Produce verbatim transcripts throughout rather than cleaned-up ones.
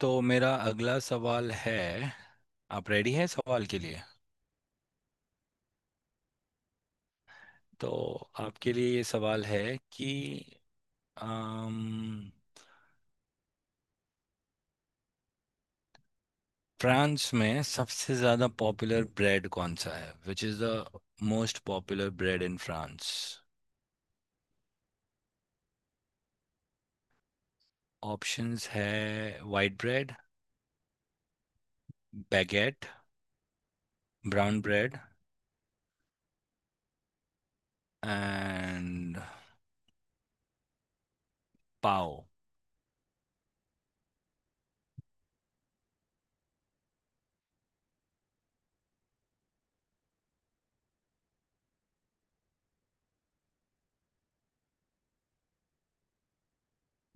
तो मेरा अगला सवाल है। आप रेडी हैं सवाल के लिए? तो आपके लिए ये सवाल है कि अम, फ्रांस में सबसे ज़्यादा पॉपुलर ब्रेड कौन सा है? Which is the most popular bread in France. Options है white bread, baguette, brown bread and pav.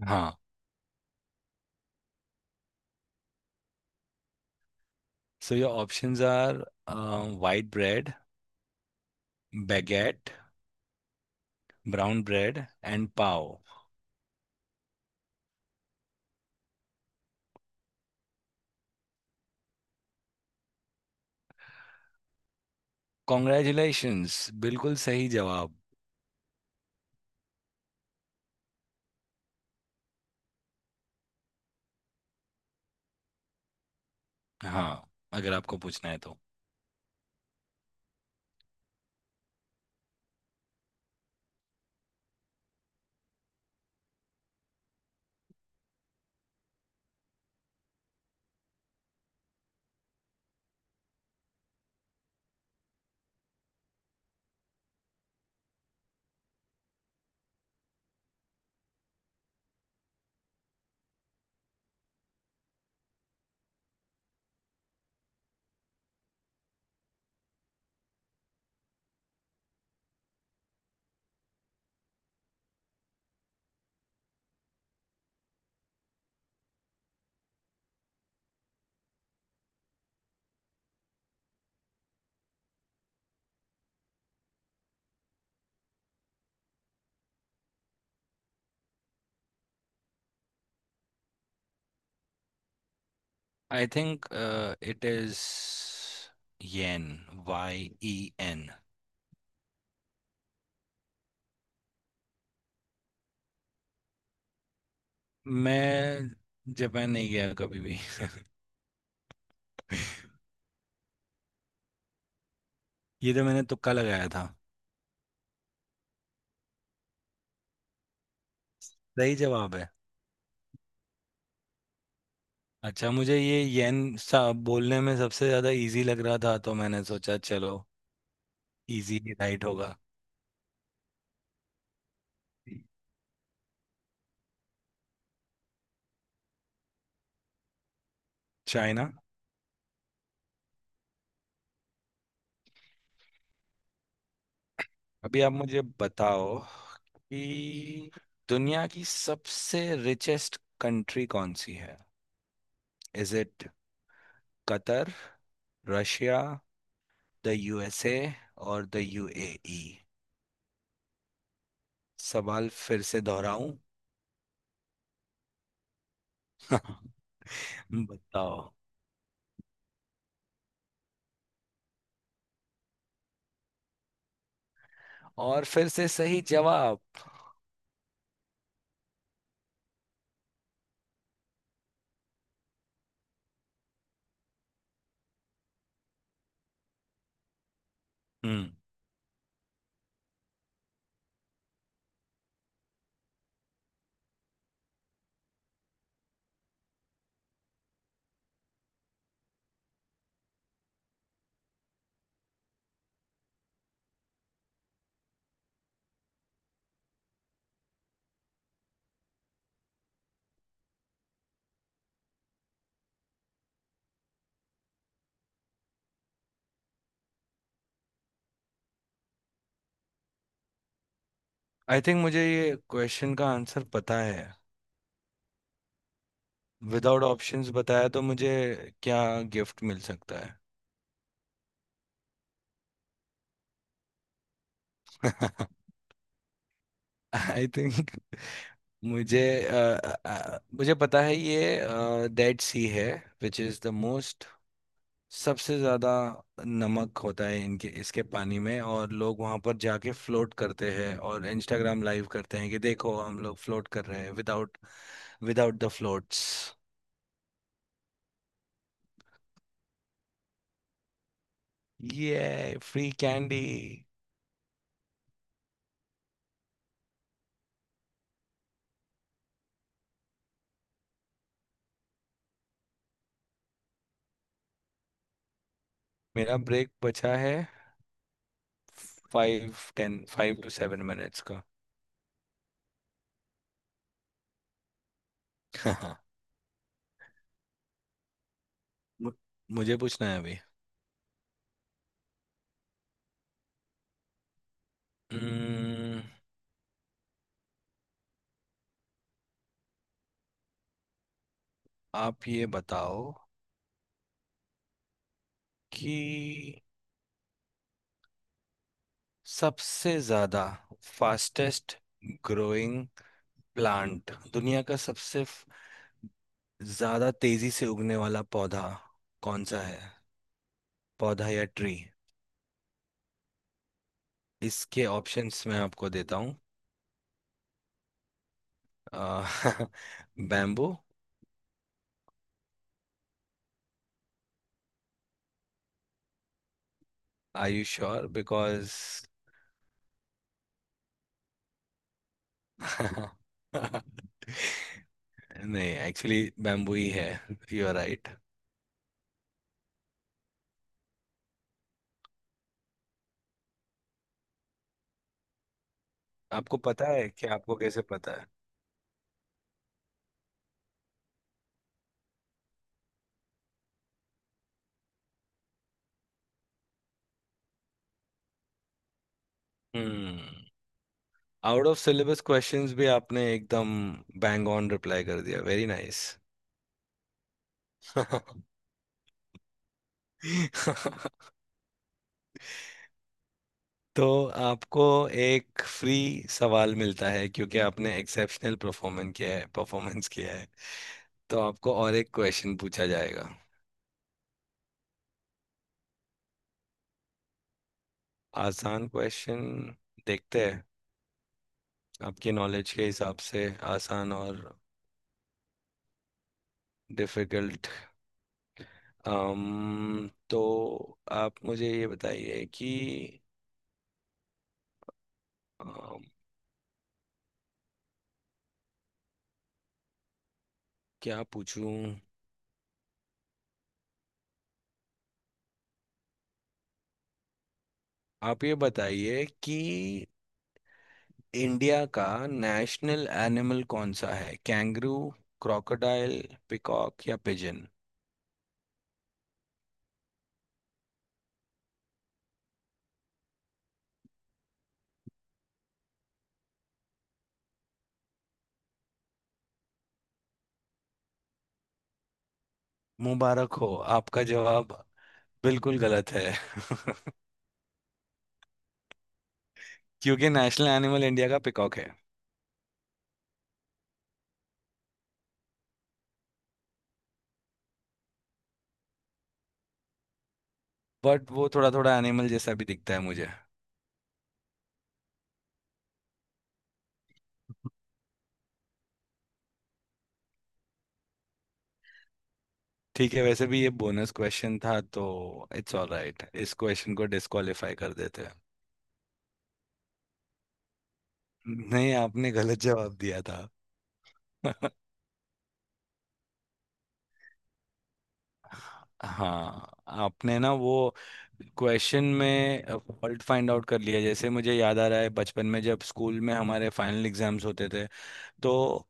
हाँ, so your options are white bread, baguette, brown bread and pav. Congratulations, बिल्कुल सही जवाब। हाँ, अगर आपको पूछना है तो। I think it is yen, Y E N. मैं जापान नहीं गया कभी भी। ये तो मैंने तुक्का लगाया था। सही जवाब है। अच्छा, मुझे ये येन सा बोलने में सबसे ज्यादा इजी लग रहा था, तो मैंने सोचा चलो इजी ही राइट होगा। चाइना। अभी आप मुझे बताओ कि दुनिया की सबसे रिचेस्ट कंट्री कौन सी है? Is it Qatar, Russia, the USA और द यूएई? सवाल फिर से दोहराऊं? बताओ। और फिर से सही जवाब। हम्म। आई थिंक मुझे ये क्वेश्चन का आंसर पता है। विदाउट ऑप्शंस बताया तो मुझे क्या गिफ्ट मिल सकता है? आई थिंक मुझे, अ, अ, मुझे पता है ये डेड सी है। विच इज़ द मोस्ट, सबसे ज़्यादा नमक होता है इनके इसके पानी में, और लोग वहाँ पर जाके फ्लोट करते हैं और इंस्टाग्राम लाइव करते हैं कि देखो हम लोग फ्लोट कर रहे हैं विदाउट, विदाउट द फ्लोट्स। ये फ्री कैंडी। मेरा ब्रेक बचा है five ten five two seven minutes का। मु- मुझे पूछना है अभी। Hmm, आप ये बताओ कि सबसे ज्यादा फास्टेस्ट ग्रोइंग प्लांट दुनिया का, सबसे फ- ज्यादा तेजी से उगने वाला पौधा कौन सा है? पौधा या ट्री? इसके ऑप्शंस मैं आपको देता हूँ। Bamboo? Are you sure because नहीं, एक्चुअली बैम्बू ही है। You are right. आपको पता है कि आपको कैसे पता है? Hmm. Out of syllabus questions भी आपने एकदम बैंग ऑन रिप्लाई कर दिया, वेरी नाइस। तो आपको एक फ्री सवाल मिलता है, क्योंकि आपने एक्सेप्शनल परफॉर्मेंस किया है, परफॉर्मेंस किया है। तो आपको और एक क्वेश्चन पूछा जाएगा। आसान क्वेश्चन, देखते हैं। आपकी नॉलेज के हिसाब से आसान और डिफिकल्ट। um, तो आप मुझे ये बताइए कि, um, क्या पूछूं। आप ये बताइए कि इंडिया का नेशनल एनिमल कौन सा है? कैंगरू, क्रोकोडाइल, पिकॉक या पिजन? मुबारक हो, आपका जवाब बिल्कुल गलत है। क्योंकि नेशनल एनिमल इंडिया का पिकॉक है। बट वो थोड़ा थोड़ा एनिमल जैसा भी दिखता है मुझे। ठीक है, वैसे भी ये बोनस क्वेश्चन था, तो इट्स ऑल राइट, इस क्वेश्चन को डिस्क्वालीफाई कर देते हैं। नहीं, आपने गलत जवाब दिया था। हाँ, आपने ना वो क्वेश्चन में फॉल्ट फाइंड आउट कर लिया, जैसे मुझे याद आ रहा है बचपन में जब स्कूल में हमारे फाइनल एग्जाम्स होते थे, तो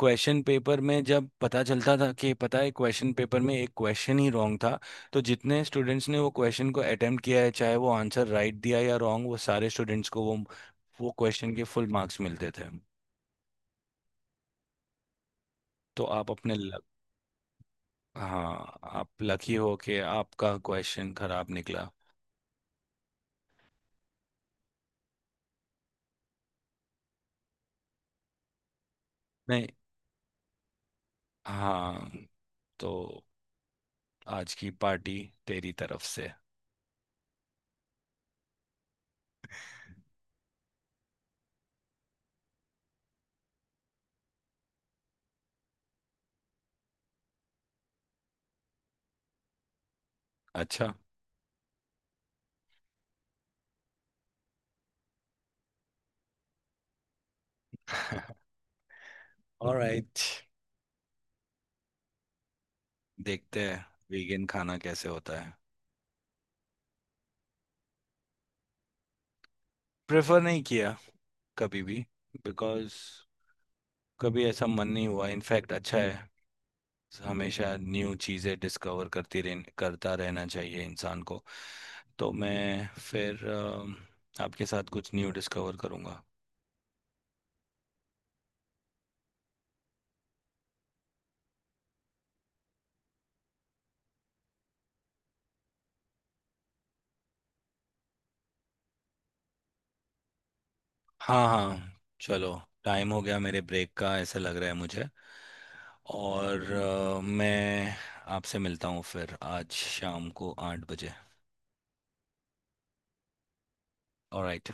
क्वेश्चन पेपर में जब पता चलता था कि, पता है, क्वेश्चन पेपर में एक क्वेश्चन ही रॉन्ग था, तो जितने स्टूडेंट्स ने वो क्वेश्चन को अटेम्प्ट किया है, चाहे वो आंसर राइट दिया या रॉन्ग, वो सारे स्टूडेंट्स को वो वो क्वेश्चन के फुल मार्क्स मिलते थे। तो आप अपने लक, हाँ, आप लकी हो कि आपका क्वेश्चन खराब निकला। हाँ, तो आज की पार्टी तेरी तरफ से। अच्छा। ऑलराइट, देखते हैं वीगन खाना कैसे होता है। प्रेफर नहीं किया कभी भी, बिकॉज कभी ऐसा मन नहीं हुआ। इनफैक्ट अच्छा है, हमेशा न्यू चीज़ें डिस्कवर करती रह, करता रहना चाहिए इंसान को। तो मैं फिर अम, आपके साथ कुछ न्यू डिस्कवर करूँगा। हाँ हाँ, चलो टाइम हो गया मेरे ब्रेक का, ऐसा लग रहा है मुझे। और अ, मैं आपसे मिलता हूँ फिर आज शाम को आठ बजे। ऑलराइट।